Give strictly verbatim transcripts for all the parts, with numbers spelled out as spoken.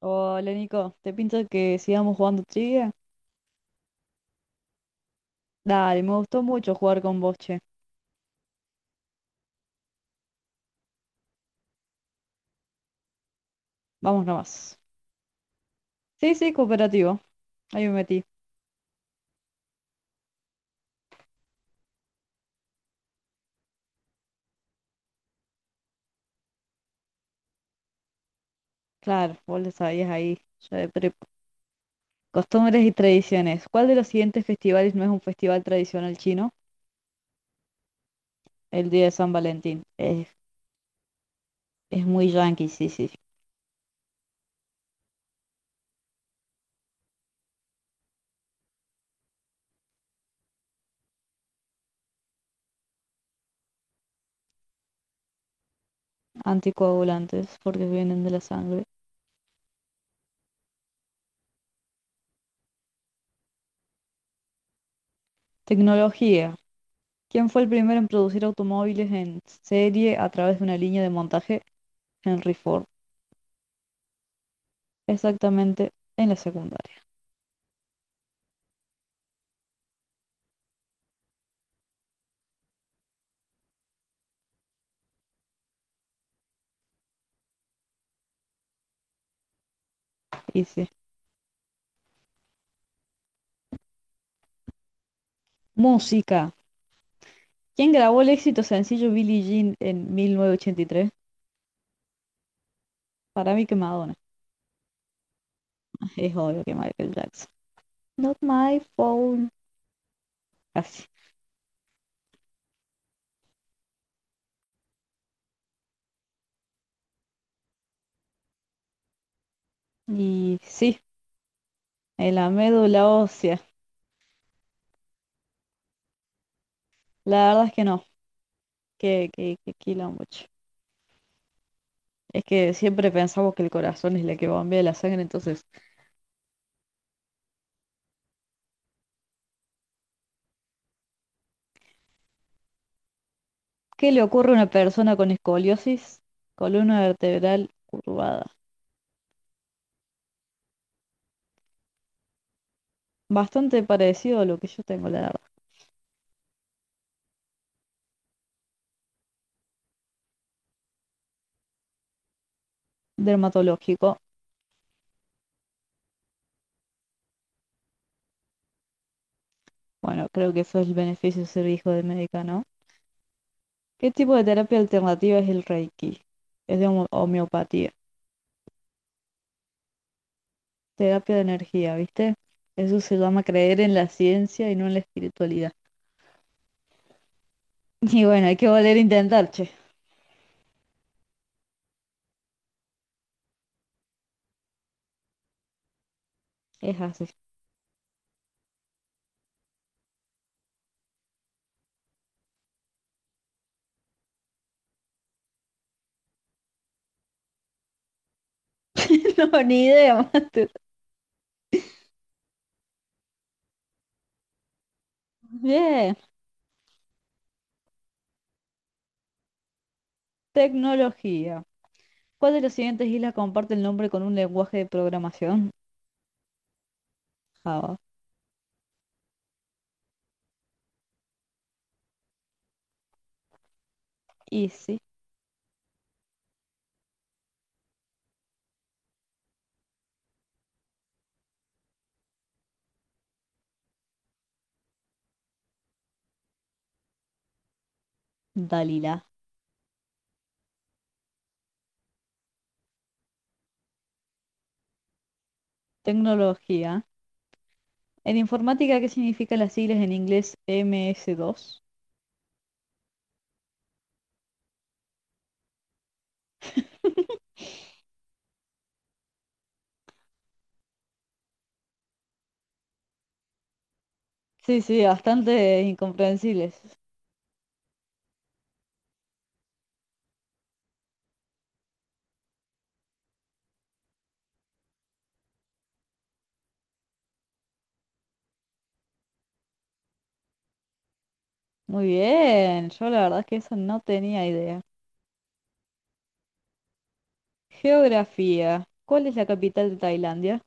Hola Nico, ¿te pinta que sigamos jugando trivia? Dale, me gustó mucho jugar con vos, che. Vamos nomás. Sí, sí, cooperativo. Ahí me metí. Claro, vos lo sabías ahí. Yo de prepa. Costumbres y tradiciones. ¿Cuál de los siguientes festivales no es un festival tradicional chino? El día de San Valentín. Es, es muy yankee, sí, sí. Anticoagulantes, porque vienen de la sangre. Tecnología. ¿Quién fue el primero en producir automóviles en serie a través de una línea de montaje? Henry Ford. Exactamente en la secundaria. Dice, música. ¿Quién grabó el éxito sencillo Billie Jean en mil novecientos ochenta y tres? Para mí que Madonna. Es obvio que Michael Jackson. Not my phone. Casi. Y sí, en la médula ósea. La verdad es que no. Que, que, que quilombo, che. Es que siempre pensamos que el corazón es la que bombea la sangre, entonces, ¿qué le ocurre a una persona con escoliosis? Columna vertebral curvada. Bastante parecido a lo que yo tengo, la verdad. Dermatológico. Bueno, creo que eso es el beneficio de ser hijo de médica, ¿no? ¿Qué tipo de terapia alternativa es el Reiki? Es de homo- homeopatía, terapia de energía, ¿viste? Eso se llama creer en la ciencia y no en la espiritualidad. Y bueno, hay que volver a intentar, che. Es así. No, ni idea, mate. Bien, tecnología. ¿Cuál de las siguientes islas comparte el nombre con un lenguaje de programación? Java. Easy. Dalila. Tecnología. En informática, ¿qué significan las siglas en inglés M S dos? Sí, sí, bastante incomprensibles. Muy bien, yo la verdad es que eso no tenía idea. Geografía. ¿Cuál es la capital de Tailandia?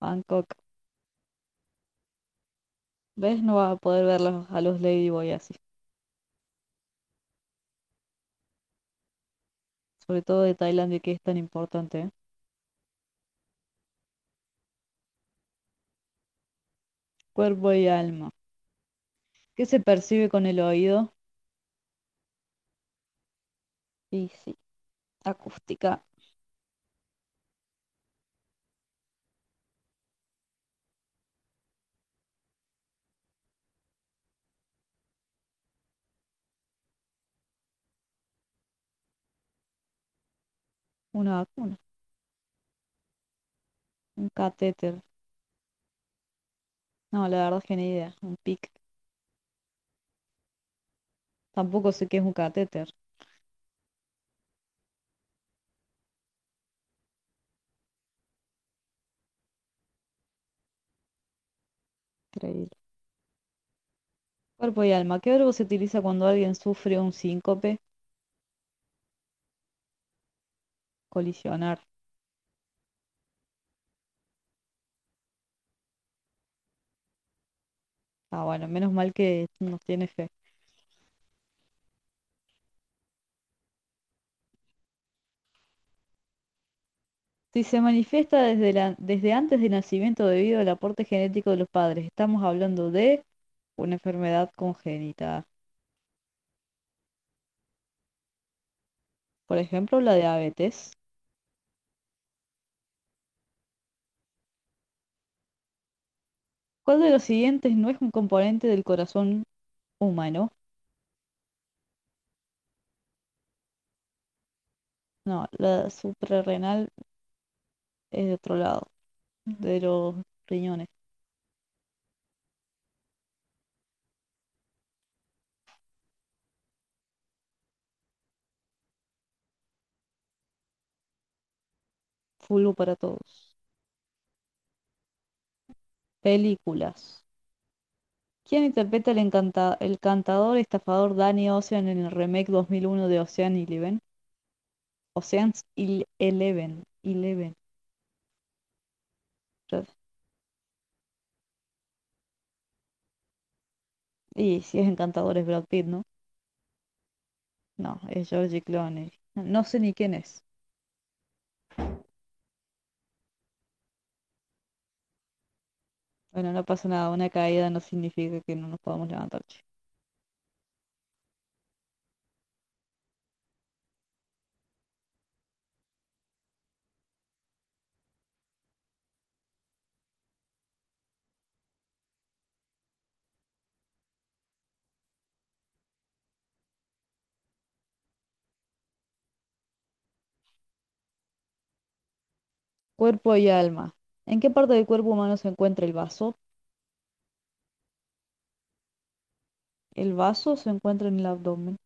Bangkok. ¿Ves? No vas a poder verlos a los Ladyboy así. Sobre todo de Tailandia, que es tan importante, ¿eh? Cuerpo y alma. ¿Qué se percibe con el oído? Y sí, acústica. Una vacuna. Un catéter. No, la verdad es que ni idea. Un P I C. Tampoco sé qué es un catéter. Increíble. Cuerpo y alma. ¿Qué verbo se utiliza cuando alguien sufre un síncope? Colisionar. Ah, bueno, menos mal que nos tiene fe. Si se manifiesta desde, la, desde antes del nacimiento debido al aporte genético de los padres, estamos hablando de una enfermedad congénita, por ejemplo la diabetes. ¿Cuál de los siguientes no es un componente del corazón humano? No, la suprarrenal es de otro lado, de los riñones. Fulvo para todos. Películas. ¿Quién interpreta el, encanta- el cantador estafador Danny Ocean en el remake dos mil uno de Ocean Eleven? Ocean's Il- Eleven. Eleven. Yo- Y si es encantador es Brad Pitt, ¿no? No, es George Clooney. No no sé ni quién es. Bueno, no pasa nada. Una caída no significa que no nos podamos levantar, che. Cuerpo y alma. ¿En qué parte del cuerpo humano se encuentra el vaso? El vaso se encuentra en el abdomen.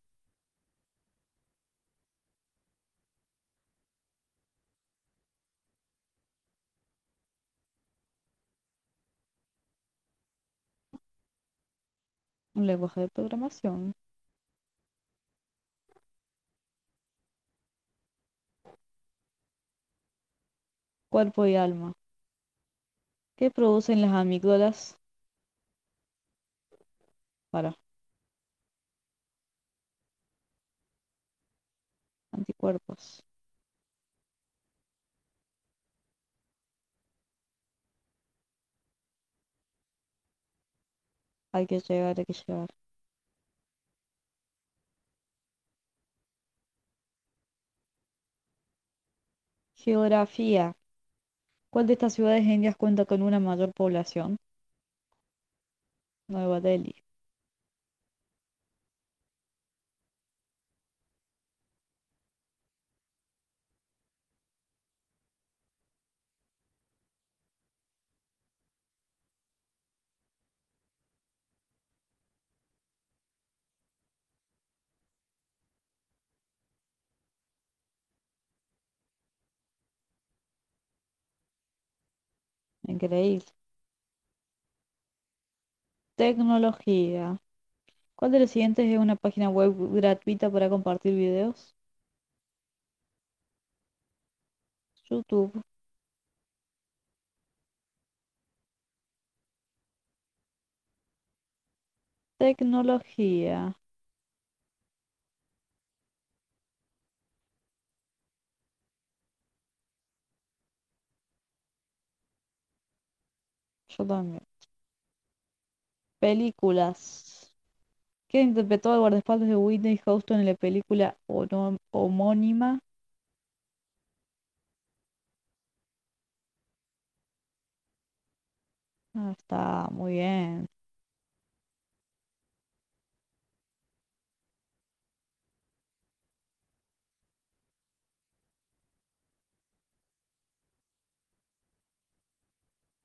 Un lenguaje de programación. Cuerpo y alma. ¿Qué producen las amígdalas? Para, Anticuerpos. Hay que llegar, hay que llegar. Geografía. ¿Cuál de estas ciudades indias cuenta con una mayor población? Nueva Delhi. Increíble. Tecnología. ¿Cuál de los siguientes es una página web gratuita para compartir videos? YouTube. Tecnología. Yo también. Películas. ¿Quién interpretó al guardaespaldas de Whitney Houston en la película ono- homónima? Ah, está muy bien.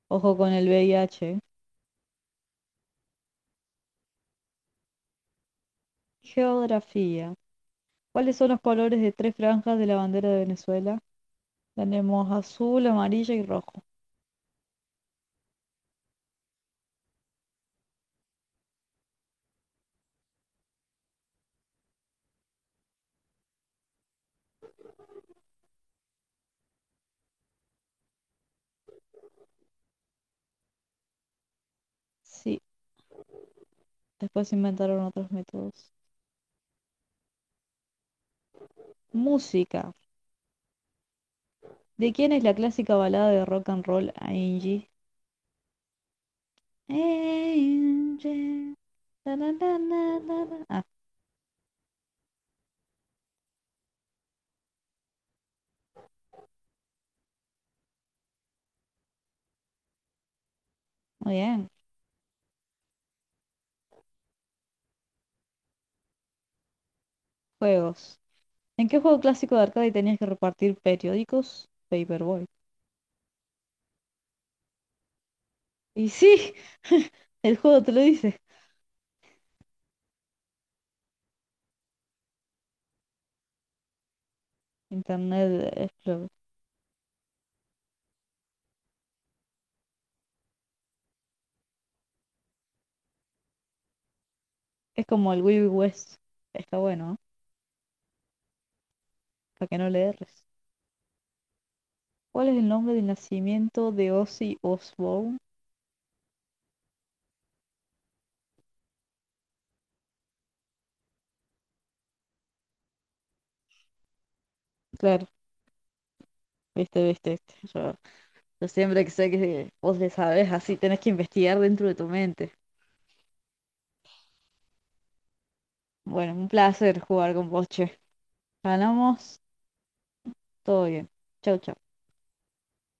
Ojo con el V I H. Geografía. ¿Cuáles son los colores de tres franjas de la bandera de Venezuela? Tenemos azul, amarilla y rojo. Sí, después se inventaron otros métodos. Música. ¿De quién es la clásica balada de rock and roll Angie? Angie, ta, na, na, na, na, na. Ah, muy bien. Juegos. ¿En qué juego clásico de arcade tenías que repartir periódicos? Paperboy. Y sí, el juego te lo dice. Internet Explorer. Es como el Wild West. Está bueno, ¿eh? Para que no le erres. ¿Cuál es el nombre del nacimiento de Ozzy Osbourne? Claro, viste, viste, viste. Yo, yo siempre que sé que vos le sabés, así tenés que investigar dentro de tu mente. Bueno, un placer jugar con vos, che. Ganamos, todo bien. Chau, chau.